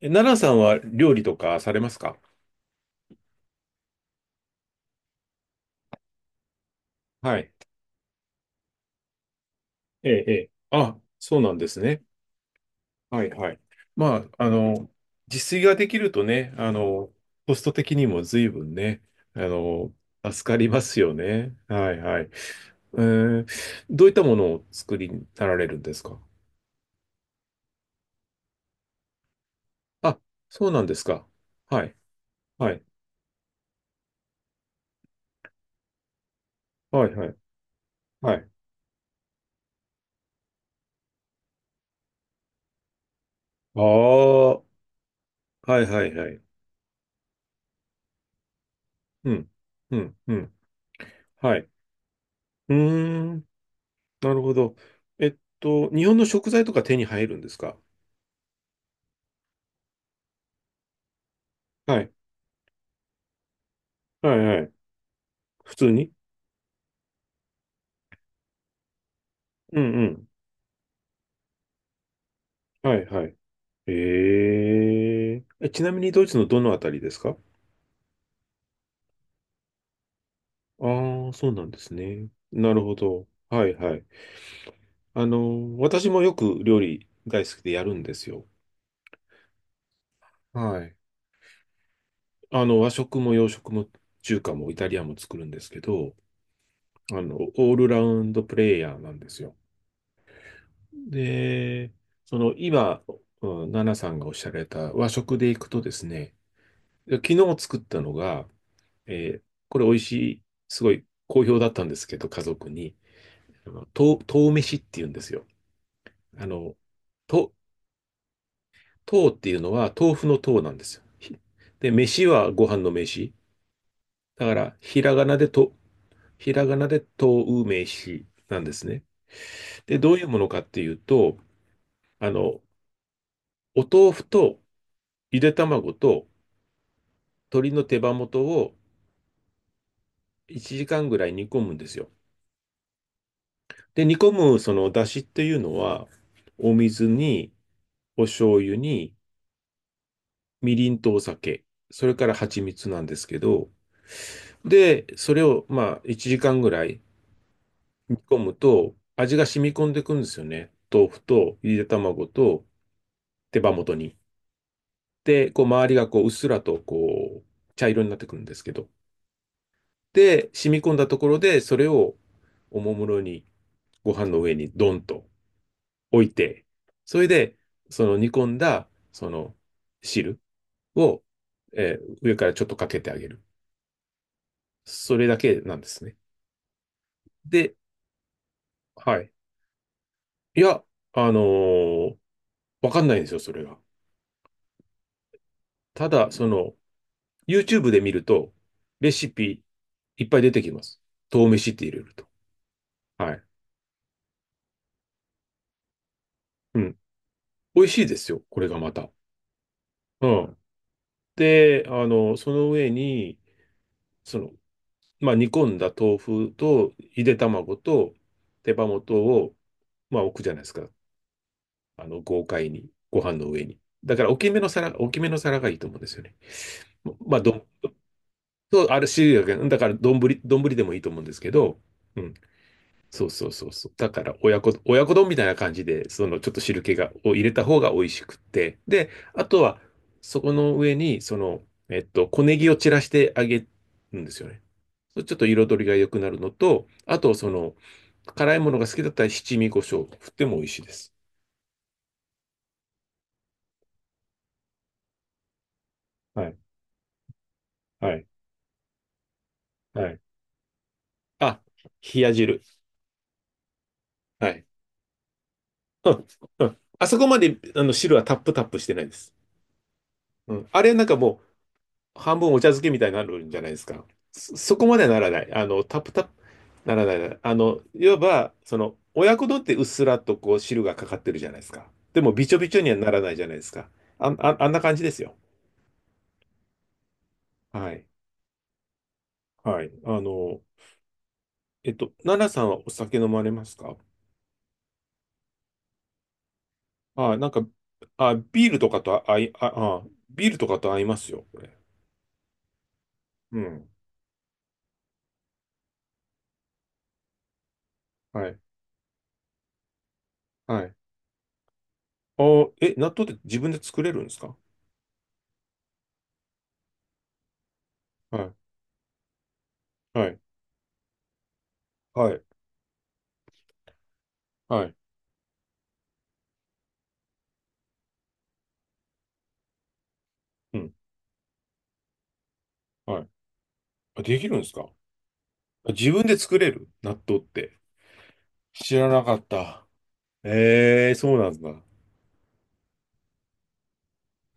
奈良さんは料理とかされますか？はい。ええ、ええ。あ、そうなんですね。はいはい。まあ、自炊ができるとね、コスト的にも随分ね、あの、助かりますよね。はいはい。えーどういったものを作りになられるんですか？あ、そうなんですか。はい。はい。はいはい。はい。ああ、はいはいはい。うん。うん。うん。はい。うーなるほど。日本の食材とか手に入るんですか？はい。はいはい。普通に。うんうん。はいはい。えーえ。ちなみにドイツのどのあたりですか？ああ、そうなんですね。なるほど。はいはい。私もよく料理大好きでやるんですよ。はい。和食も洋食も中華もイタリアンも作るんですけど、オールラウンドプレイヤーなんですよ。で、その今、うん、ナナさんがおっしゃられた和食で行くとですね、昨日作ったのが、えーこれ美味しい、すごい好評だったんですけど、家族に、とう飯って言うんですよ。あの、と、とうっていうのは豆腐のとうなんですよ。で、飯はご飯の飯。だから、ひらがなでとう飯なんですね。で、どういうものかっていうと、あの、お豆腐とゆで卵と鶏の手羽元を1時間ぐらい煮込むんですよ。で、煮込むその出汁っていうのは、お水に、お醤油に、みりんとお酒、それから蜂蜜なんですけど、で、それをまあ1時間ぐらい煮込むと、味が染み込んでいくんですよね。豆腐とゆで卵と手羽元に。で、こう周りがこううっすらとこう茶色になってくるんですけど。で、染み込んだところで、それをおもむろにご飯の上にドンと置いて、それで、その煮込んだ、その汁を、上からちょっとかけてあげる。それだけなんですね。で、はい。いや、あのーわかんないんですよ、それが。ただ、YouTube で見ると、レシピいっぱい出てきます。豆飯って入れると。はい。うん。美味しいですよ、これがまた。うん。で、その上に、その、煮込んだ豆腐と、ゆで卵と、手羽元を置くじゃないですか。豪快に、ご飯の上に。だから大きめの皿、大きめの皿がいいと思うんですよね。まあ、どん、そう、あるし、だから丼、丼でもいいと思うんですけど、うん、そうそうそうそう。だから親子丼みたいな感じで、そのちょっと汁気を入れた方が美味しくって。で、あとは、そこの上に、小ネギを散らしてあげるんですよね。そう、ちょっと彩りが良くなるのと、あと、辛いものが好きだったら七味胡椒振っても美味しいです。はい、はい、はい。あ、冷や汁。はい。うんうん、あそこまであの汁はタップタップしてないです。うん。あれなんかもう半分お茶漬けみたいになるんじゃないですか。そこまではならない。タップタップならないならない。いわば、親子丼ってうっすらとこう汁がかかってるじゃないですか。でもびちょびちょにはならないじゃないですか。あんな感じですよ。はい。はい。奈々さんはお酒飲まれますか？あ、なんか、あ、ビールとかとあ、あい、あ、あ、ビールとかと合いますよ、これ。うん。はい。はい。ああ、納豆って自分で作れるんですか？はい。はい。はい。はい。うん。はい。あ、できるんですか？あ、自分で作れる納豆って。知らなかった。ええ、そうなんだ。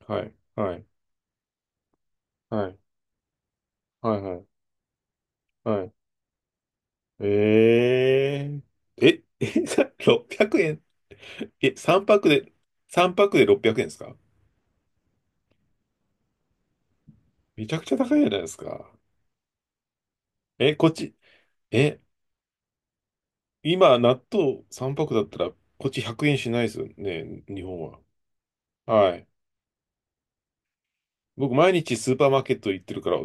はい。はい。はい。はい。はい。はいえ600円、3泊で、600円ですか？めちゃくちゃ高いじゃないですか。え、こっち、え、今、納豆3泊だったら、こっち100円しないですよね、日本は。はい。僕、毎日スーパーマーケット行ってるから、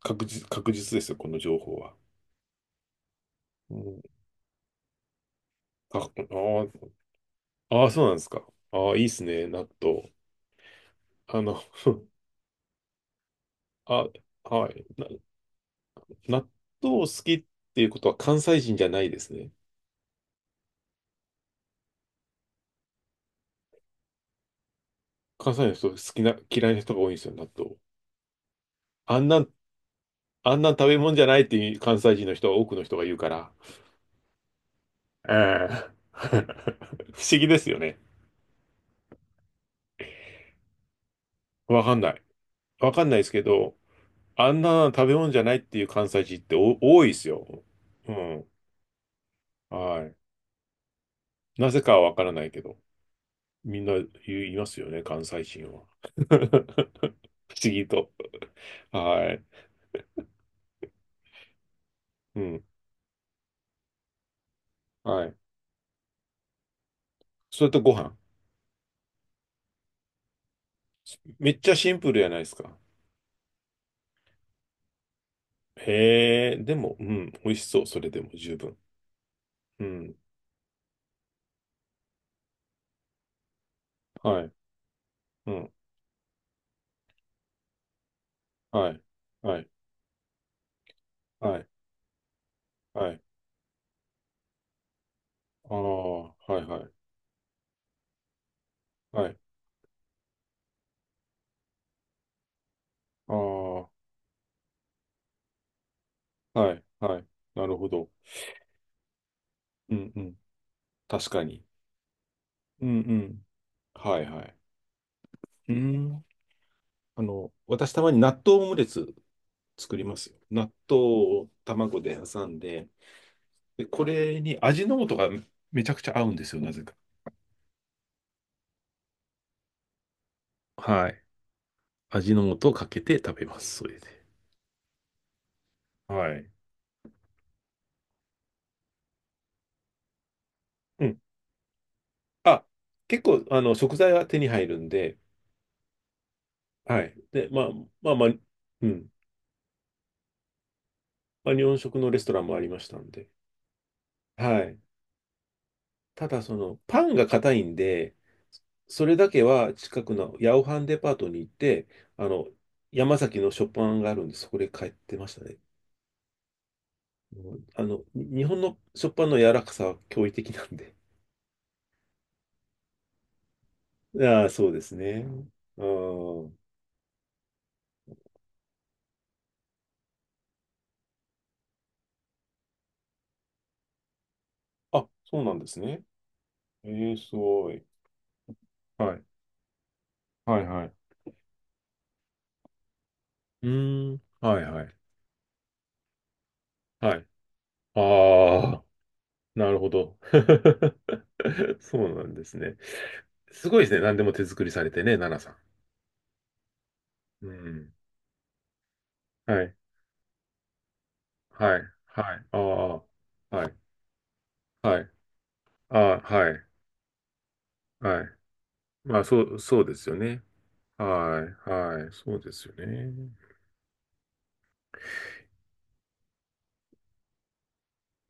確実ですよ、この情報は。うん、かああー、あーそうなんですか。ああ、いいっすね、納豆。あの、あ、はい。納豆好きっていうことは関西人じゃないですね。関西の人好きな、嫌いな人が多いんですよ、納豆。あんな、あんな食べ物じゃないっていう関西人の人は多くの人が言うから。ええ、 不思議ですよね。わかんない。わかんないですけど、あんなの食べ物じゃないっていう関西人って多いですよ。うん。はい。なぜかはわからないけど、みんな言いますよね、関西人は。不思議と。はい。うん。はい。それとご飯。めっちゃシンプルじゃないですか。へえ、でも、うん、美味しそう。それでも十分。うん。はい。うん。はい。はい。はい。はい。ああ、はいはい。はい。ああ、はい。はい。なるほど。うんうん。確かに。うんうん。はいはい。うーん。私たまに納豆オムレツ作りますよ。納豆を卵で挟んで、で、これに味の素がめちゃくちゃ合うんですよ、なぜか。はい。味の素をかけて食べます、それで。はい。うん。あ、結構、食材は手に入るんで、はい。で、まあまあ、うん。日本食のレストランもありましたんで、はい。ただパンが硬いんで、それだけは近くの八百半デパートに行って、あの、山崎の食パンがあるんで、そこで買ってましたね。もう日本の食パンの柔らかさは驚異的なんで。ああ、そうですね。うん。あ、そうなんですね。ええ、すごい。はい。はいはい。うーん。はいはい。はい。ああ、なるほど。そうなんですね。すごいですね。何でも手作りされてね、奈々さん。うん。はい。はい。はい。ああ。はい。はい。ああ、はい。はい。そうですよね。はい。はい。そうですよね。